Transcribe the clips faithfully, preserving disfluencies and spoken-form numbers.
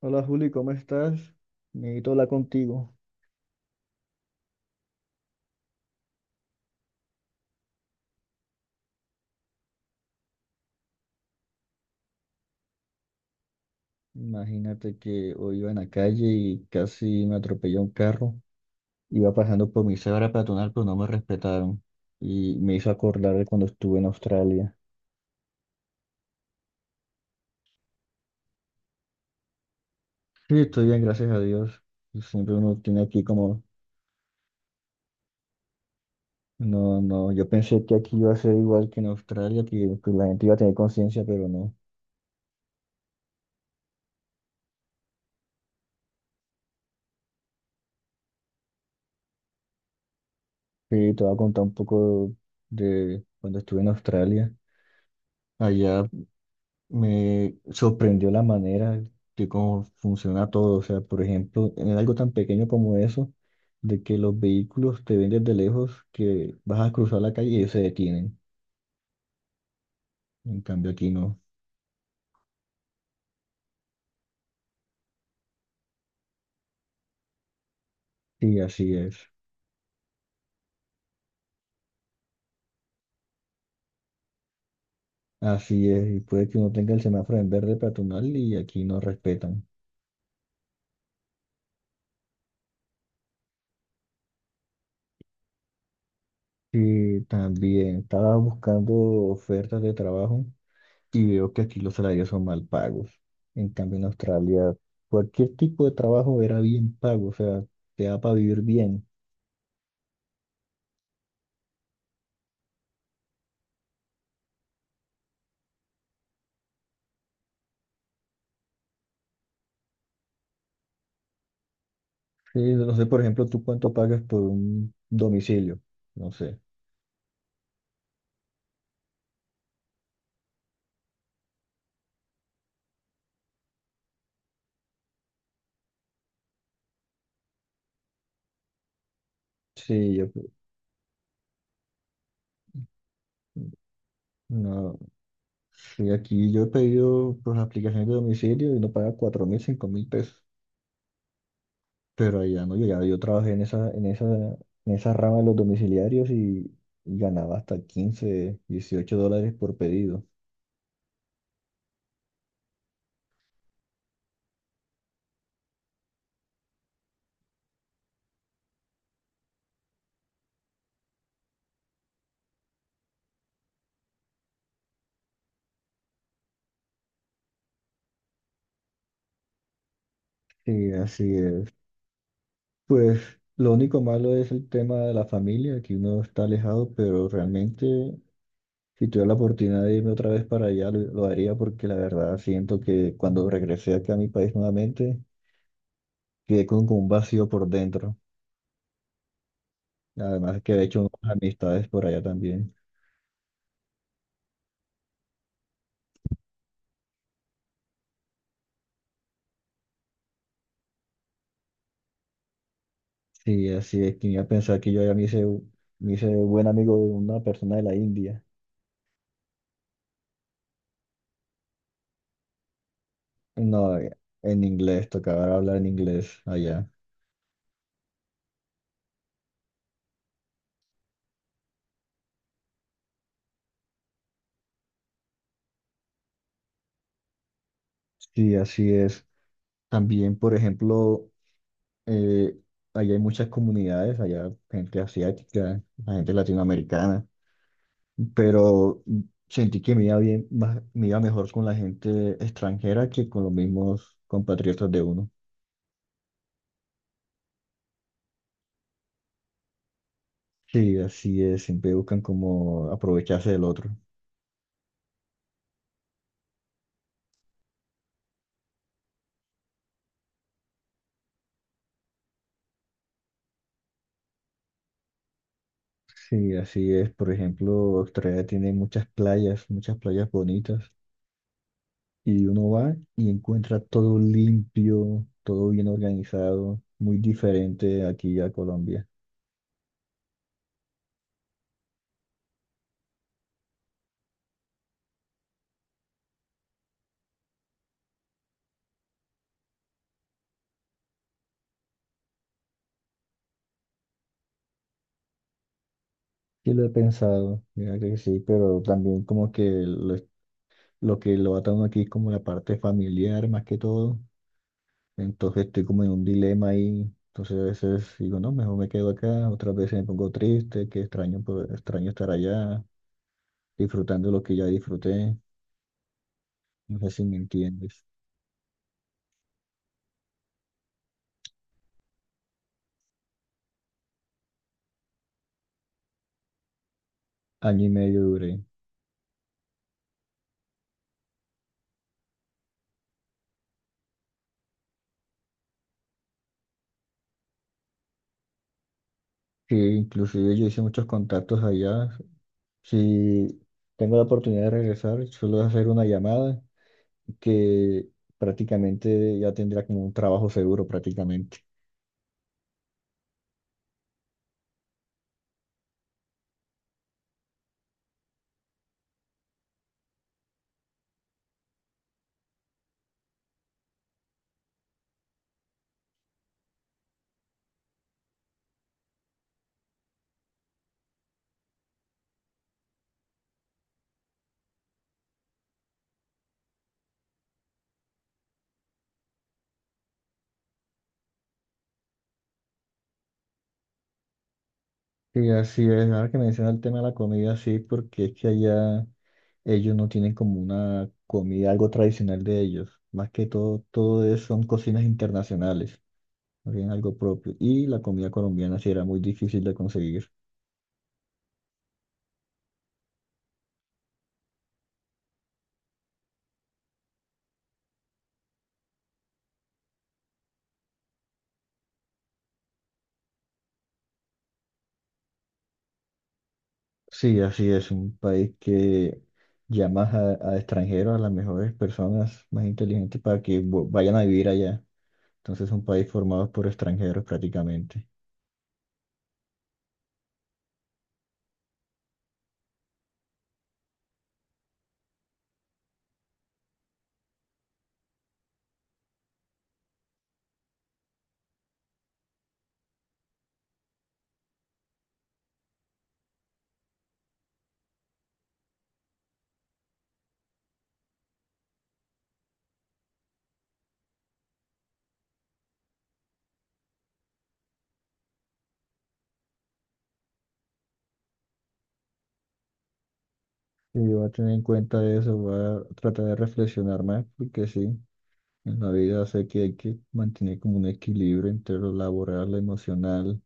Hola Juli, ¿cómo estás? Necesito hablar contigo. Imagínate que hoy iba en la calle y casi me atropelló un carro. Iba pasando por mi cebra peatonal, pero no me respetaron. Y me hizo acordar de cuando estuve en Australia. Sí, estoy bien, gracias a Dios. Y siempre uno tiene aquí como... No, no, yo pensé que aquí iba a ser igual que en Australia, que, que la gente iba a tener conciencia, pero no. Sí, te voy a contar un poco de cuando estuve en Australia. Allá me sorprendió la manera de cómo funciona todo. O sea, por ejemplo, en algo tan pequeño como eso, de que los vehículos te ven desde lejos, que vas a cruzar la calle y ellos se detienen. En cambio, aquí no. Sí, así es. Así es. Y puede que uno tenga el semáforo en verde peatonal y aquí no respetan. Y también estaba buscando ofertas de trabajo. Y veo que aquí los salarios son mal pagos. En cambio, en Australia, cualquier tipo de trabajo era bien pago, o sea, te da para vivir bien. Sí, no sé, por ejemplo, tú cuánto pagas por un domicilio. No sé. Sí, yo, no, sí, aquí yo he pedido por las aplicaciones de domicilio y no paga cuatro mil, cinco mil pesos. Pero allá no yo ya Yo trabajé en esa, en esa, en esa rama de los domiciliarios y, y ganaba hasta quince dieciocho dólares por pedido. Sí, así es. Pues lo único malo es el tema de la familia, que uno está alejado, pero realmente si tuviera la oportunidad de irme otra vez para allá, lo, lo haría porque la verdad siento que cuando regresé acá a mi país nuevamente, quedé con, con un vacío por dentro. Además que he hecho unas amistades por allá también. Sí, así es, quería pensar que yo ya me hice, me hice buen amigo de una persona de la India. No, eh, en inglés, tocaba hablar en inglés allá. Sí, así es. También, por ejemplo... Eh, allá hay muchas comunidades, allá gente asiática, la gente latinoamericana, pero sentí que me iba bien, más- me iba mejor con la gente extranjera que con los mismos compatriotas de uno. Sí, así es, siempre buscan como aprovecharse del otro. Sí, así es. Por ejemplo, Australia tiene muchas playas, muchas playas bonitas, y uno va y encuentra todo limpio, todo bien organizado, muy diferente aquí a Colombia. Sí, lo he pensado, mira que sí, pero también como que lo, lo que lo ata uno aquí es como la parte familiar más que todo, entonces estoy como en un dilema ahí, entonces a veces digo, no, mejor me quedo acá, otras veces me pongo triste, que extraño, pues, extraño estar allá, disfrutando lo que ya disfruté, no sé si me entiendes. Año y medio duré, sí, inclusive yo hice muchos contactos allá, si tengo la oportunidad de regresar, suelo hacer una llamada que prácticamente ya tendría como un trabajo seguro prácticamente. Y así es, ahora que menciona el tema de la comida, sí, porque es que allá ellos no tienen como una comida, algo tradicional de ellos. Más que todo, todo es- son cocinas internacionales, no tienen algo propio. Y la comida colombiana sí era muy difícil de conseguir. Sí, así es, un país que llama a, a extranjeros, a las mejores personas más inteligentes para que vo- vayan a vivir allá. Entonces, un país formado por extranjeros prácticamente. Y voy a tener en cuenta eso, voy a tratar de reflexionar más, porque sí, en la vida sé que hay que mantener como un equilibrio entre lo laboral, lo emocional,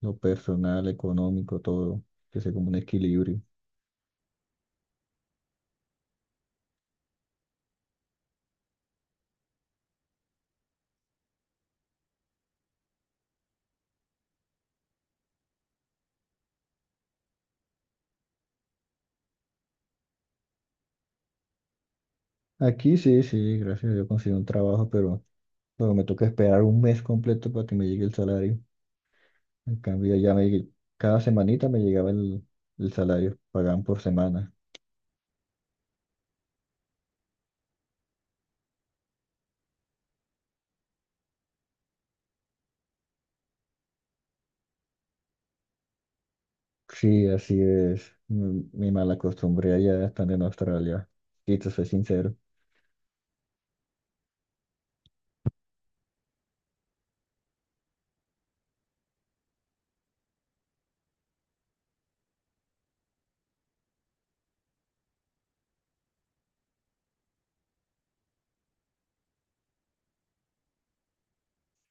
lo personal, económico, todo, que sea como un equilibrio. Aquí sí, sí, gracias a Dios consigo un trabajo, pero, pero me toca esperar un mes completo para que me llegue el salario. En cambio, ya me, llegue- cada semanita me llegaba el, el salario, pagaban por semana. Sí, así es, mi, mi mala costumbre allá estando en Australia, y te soy sincero.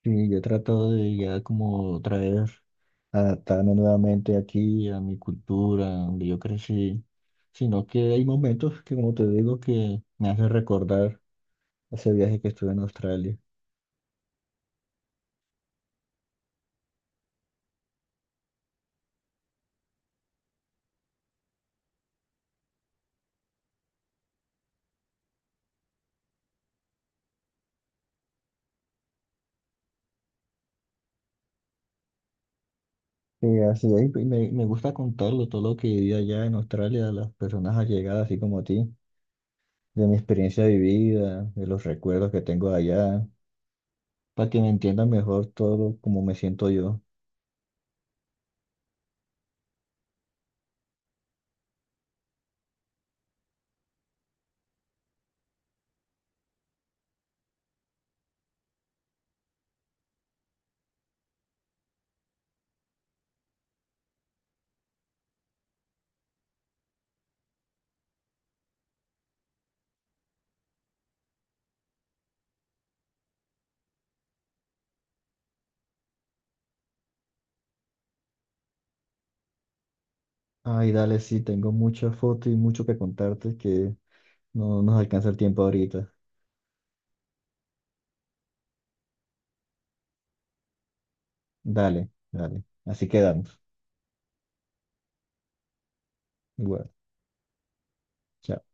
Sí, yo he tratado de ya como traer, adaptarme nuevamente aquí a mi cultura, donde yo crecí, sino que hay momentos que, como te digo, que me hacen recordar ese viaje que estuve en Australia. Y así es, y me, me gusta contarlo, todo lo que viví allá en Australia, a las personas allegadas, así como a ti, de mi experiencia vivida, de los recuerdos que tengo allá, para que me entiendan mejor todo como me siento yo. Ay, dale, sí, tengo muchas fotos y mucho que contarte que No no nos alcanza el tiempo ahorita. Dale, dale. Así quedamos. Igual. Chao.